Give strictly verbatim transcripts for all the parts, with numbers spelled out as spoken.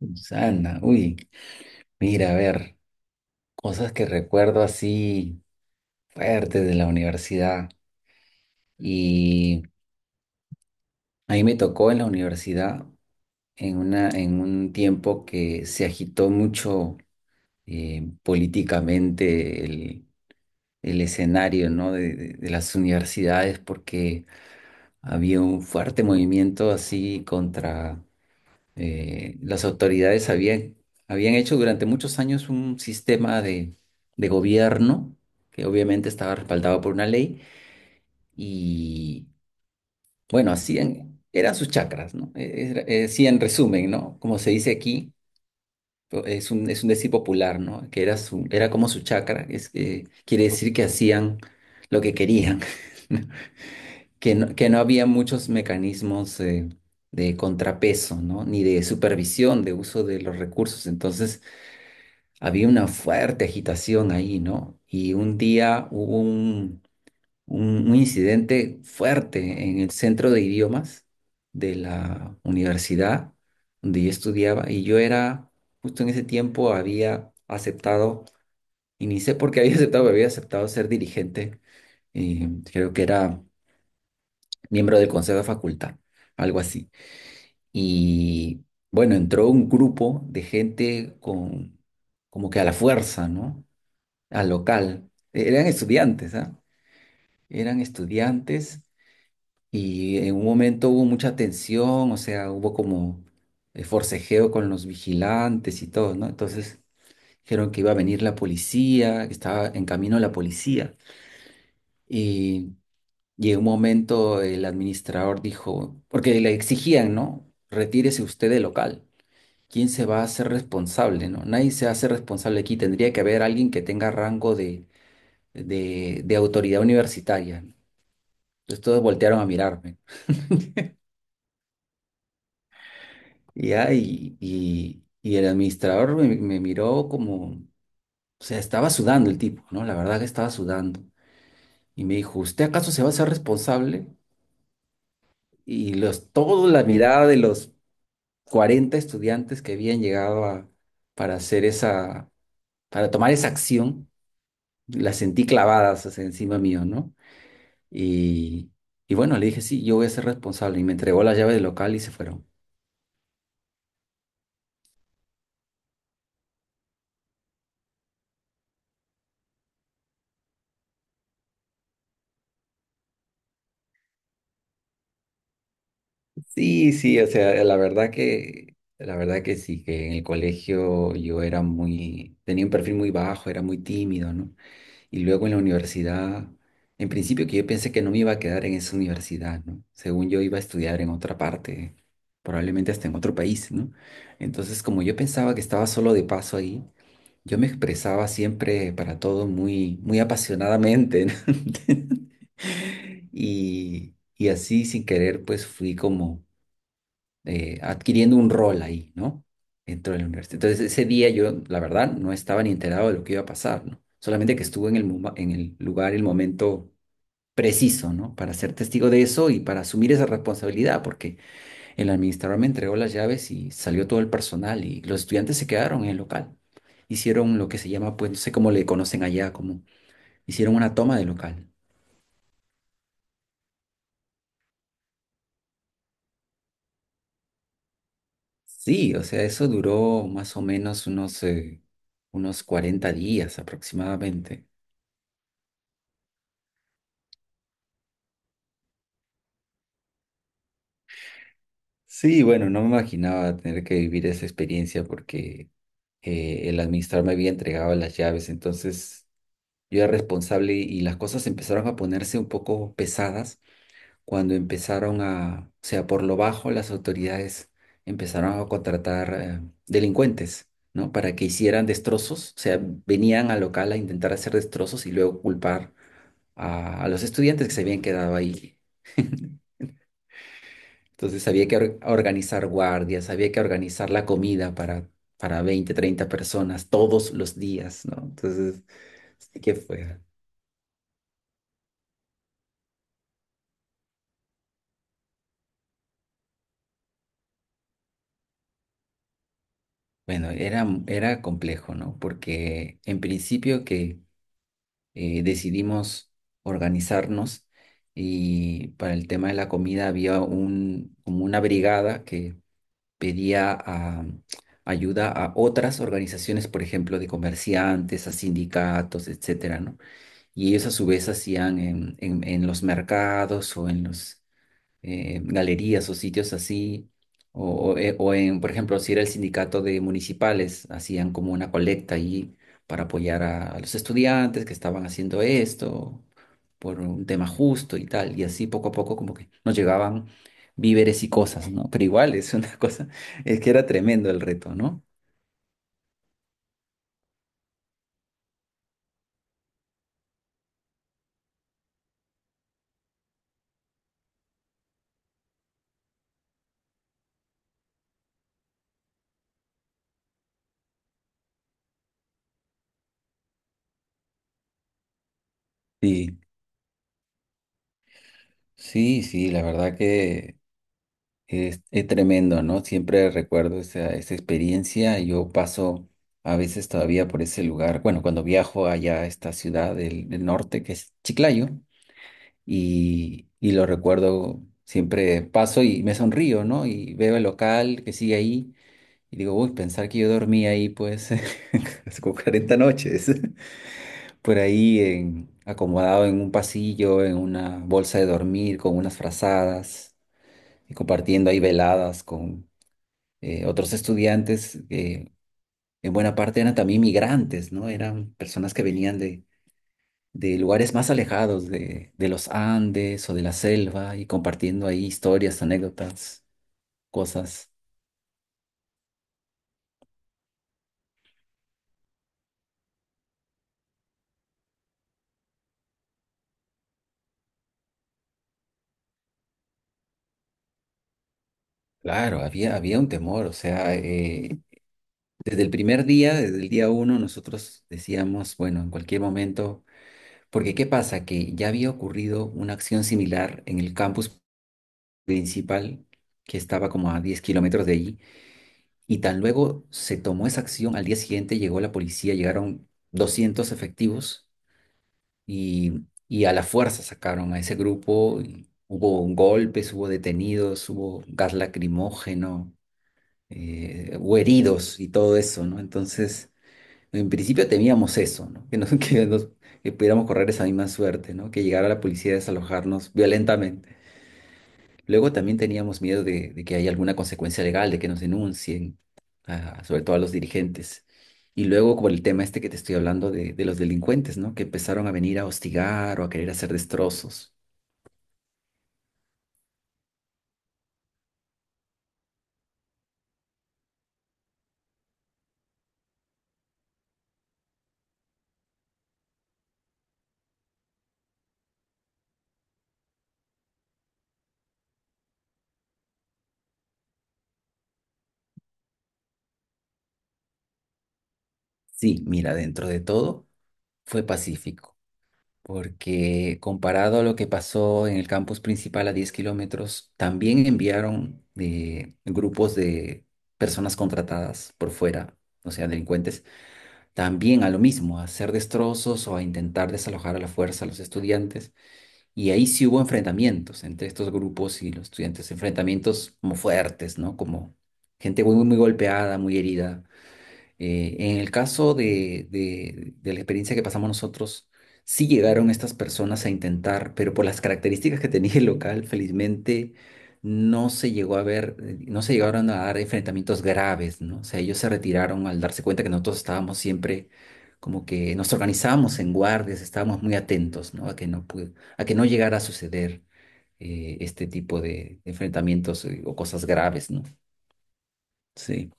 Susana, uy, mira, a ver, cosas que recuerdo así fuertes de la universidad. Y a mí me tocó en la universidad en una, en un tiempo que se agitó mucho, eh, políticamente el, el escenario, ¿no?, de, de de las universidades, porque había un fuerte movimiento así contra, eh, las autoridades habían, habían hecho durante muchos años un sistema de, de gobierno que obviamente estaba respaldado por una ley. Y bueno, hacían, eran sus chacras, ¿no? Era- eh, sí, en resumen, ¿no? Como se dice aquí, o- es un, es un decir popular, ¿no? Que era, su, era como su chacra, es, que quiere decir que hacían lo que querían. que no, que no había muchos mecanismos eh, de contrapeso, ¿no? Ni de supervisión de uso de los recursos. Entonces, había una fuerte agitación ahí, ¿no? Y un día hubo un, un- un incidente fuerte en el centro de idiomas de la universidad donde yo estudiaba. Y yo era, justo en ese tiempo, había aceptado, y ni sé por qué había aceptado, pero había aceptado ser dirigente. Eh, creo que era miembro del consejo de facultad, algo así. Y bueno, entró un grupo de gente, con, como que a la fuerza, ¿no?, al local. E-, Eran estudiantes, ¿ah? Eran estudiantes, y en un momento hubo mucha tensión, o sea, hubo como, eh, forcejeo con los vigilantes y todo, ¿no? Entonces dijeron que iba a venir la policía, que estaba en camino la policía. Y, y en un momento el administrador dijo, porque le exigían, ¿no?, retírese usted del local. ¿Quién se va a hacer responsable, no? Nadie se hace responsable aquí. Tendría que haber alguien que tenga rango de de, de autoridad universitaria. Entonces todos voltearon a mirarme. Y, ya, y, y- y el administrador me, me miró, como, o sea, estaba sudando el tipo, ¿no? La verdad que estaba sudando. Y me dijo, ¿usted acaso se va a ser responsable? Y los, toda la mirada de los cuarenta estudiantes que habían llegado a, para hacer esa, para tomar esa acción, las sentí clavadas, o sea, encima mío, ¿no? Y, y bueno, le dije, sí, yo voy a ser responsable. Y me entregó las llaves del local y se fueron. Sí, sí, o sea, la verdad que, la verdad que sí, que en el colegio yo era muy, tenía un perfil muy bajo, era muy tímido, ¿no? Y luego en la universidad, en principio, que yo pensé que no me iba a quedar en esa universidad, ¿no? Según yo iba a estudiar en otra parte, probablemente hasta en otro país, ¿no? Entonces, como yo pensaba que estaba solo de paso ahí, yo me expresaba siempre para todo muy, muy apasionadamente, ¿no? Y, y así, sin querer, pues fui como eh, adquiriendo un rol ahí, ¿no?, dentro de la universidad. Entonces, ese día yo, la verdad, no estaba ni enterado de lo que iba a pasar, ¿no? Solamente que estuve en el, moma- en el lugar, el momento preciso, ¿no?, para ser testigo de eso y para asumir esa responsabilidad, porque el administrador me entregó las llaves y salió todo el personal y los estudiantes se quedaron en el local. Hicieron lo que se llama, pues, no sé cómo le conocen allá, como hicieron una toma del local. Sí, o sea, eso duró más o menos unos, eh, unos cuarenta días aproximadamente. Sí, bueno, no me imaginaba tener que vivir esa experiencia porque, eh, el administrador me había entregado las llaves, entonces yo era responsable, y las cosas empezaron a ponerse un poco pesadas cuando empezaron a, o sea, por lo bajo, las autoridades empezaron a contratar, eh, delincuentes, ¿no?, para que hicieran destrozos, o sea, venían al local a intentar hacer destrozos y luego culpar a, a los estudiantes que se habían quedado ahí. Entonces había que or- organizar guardias, había que organizar la comida para, para, veinte treinta personas todos los días, ¿no? Entonces, sí que fue? Bueno, era, era complejo, ¿no? Porque en principio que, eh, decidimos organizarnos, y para el tema de la comida había un, como una brigada que pedía, ah, ayuda a otras organizaciones, por ejemplo, de comerciantes, a sindicatos, etcétera, ¿no? Y ellos a su vez hacían en, en- en los mercados o en los, eh, galerías o sitios así, o, o, eh, o en, por ejemplo, si era el sindicato de municipales, hacían como una colecta ahí para apoyar a, a los estudiantes que estaban haciendo esto por un tema justo y tal. Y así, poco a poco, como que nos llegaban víveres y cosas, ¿no? Pero igual es una cosa, es que era tremendo el reto, ¿no? Sí, sí, sí, la verdad que. Es, es tremendo, ¿no? Siempre recuerdo esa, esa experiencia. Yo paso a veces todavía por ese lugar. Bueno, cuando viajo allá a esta ciudad del, del norte, que es Chiclayo, y, y lo recuerdo, siempre paso y me sonrío, ¿no? Y veo el local que sigue ahí y digo, uy, pensar que yo dormí ahí, pues, hace como cuarenta noches, por ahí en- acomodado en un pasillo, en una bolsa de dormir, con unas frazadas, y compartiendo ahí veladas con, eh, otros estudiantes que en buena parte eran también migrantes, ¿no? Eran personas que venían de, de lugares más alejados, de, de los Andes o de la selva, y compartiendo ahí historias, anécdotas, cosas. Claro, había, había un temor, o sea, eh, desde el primer día, desde el día uno, nosotros decíamos, bueno, en cualquier momento, porque ¿qué pasa? Que ya había ocurrido una acción similar en el campus principal, que estaba como a diez kilómetros de allí. Y tan luego se tomó esa acción, al día siguiente llegó la policía, llegaron doscientos efectivos, y, y a la fuerza sacaron a ese grupo. Y hubo golpes, hubo detenidos, hubo gas lacrimógeno, eh, hubo heridos y todo eso, ¿no? Entonces, en principio temíamos eso, ¿no? Que, nos, que, nos- que pudiéramos correr esa misma suerte, ¿no? Que llegara la policía a desalojarnos violentamente. Luego también teníamos miedo de, de que haya alguna consecuencia legal, de que nos denuncien, ah, sobre todo a los dirigentes. Y luego por el tema este que te estoy hablando de, de los delincuentes, ¿no?, que empezaron a venir a hostigar o a querer hacer destrozos. Sí, mira, dentro de todo fue pacífico, porque, comparado a lo que pasó en el campus principal a diez kilómetros, también enviaron, eh, grupos de personas contratadas por fuera, o sea, delincuentes, también a lo mismo, a hacer destrozos o a intentar desalojar a la fuerza a los estudiantes. Y ahí sí hubo enfrentamientos entre estos grupos y los estudiantes, enfrentamientos como fuertes, ¿no?, como gente muy, muy golpeada, muy herida. Eh, en el caso de, de- de la experiencia que pasamos nosotros, sí llegaron estas personas a intentar, pero por las características que tenía el local, felizmente no se llegó a ver, eh, no se llegaron a dar enfrentamientos graves, ¿no? O sea, ellos se retiraron al darse cuenta que nosotros estábamos siempre como que nos organizábamos en guardias, estábamos muy atentos, ¿no?, a que no pu- a que no llegara a suceder, eh, este tipo de enfrentamientos, eh, o cosas graves, ¿no? Sí.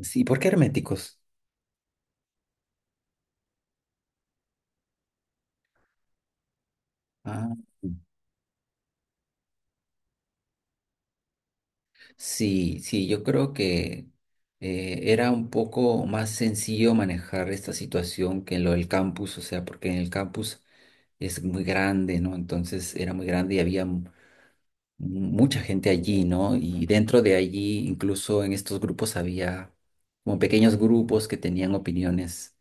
Sí, ¿por qué herméticos? Ah. Sí, sí, yo creo que, eh, era un poco más sencillo manejar esta situación que en lo del campus, o sea, porque en el campus es muy grande, ¿no? Entonces era muy grande y había mu- mucha gente allí, ¿no? Y dentro de allí, incluso en estos grupos había como pequeños grupos que tenían opiniones,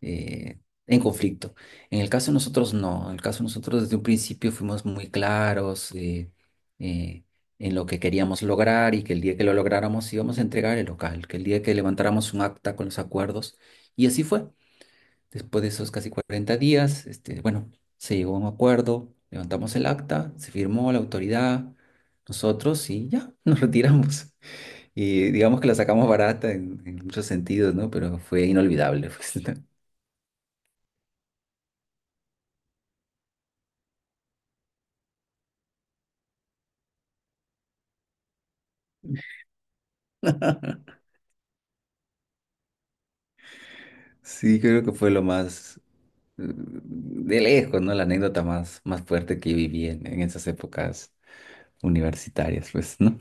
eh, en conflicto. En el caso de nosotros, no. En el caso de nosotros, desde un principio fuimos muy claros eh, eh, en lo que queríamos lograr, y que el día que lo lográramos íbamos a entregar el local, que el día que levantáramos un acta con los acuerdos. Y así fue. Después de esos casi cuarenta días, este, bueno, se llegó a un acuerdo, levantamos el acta, se firmó la autoridad, nosotros, y ya, nos retiramos. Y digamos que la sacamos barata en, en muchos sentidos, ¿no? Pero fue inolvidable. pues, ¿no? Sí, creo que fue lo más, eh, de lejos, ¿no?, la anécdota más, más fuerte que viví en, en esas épocas universitarias, pues, ¿no?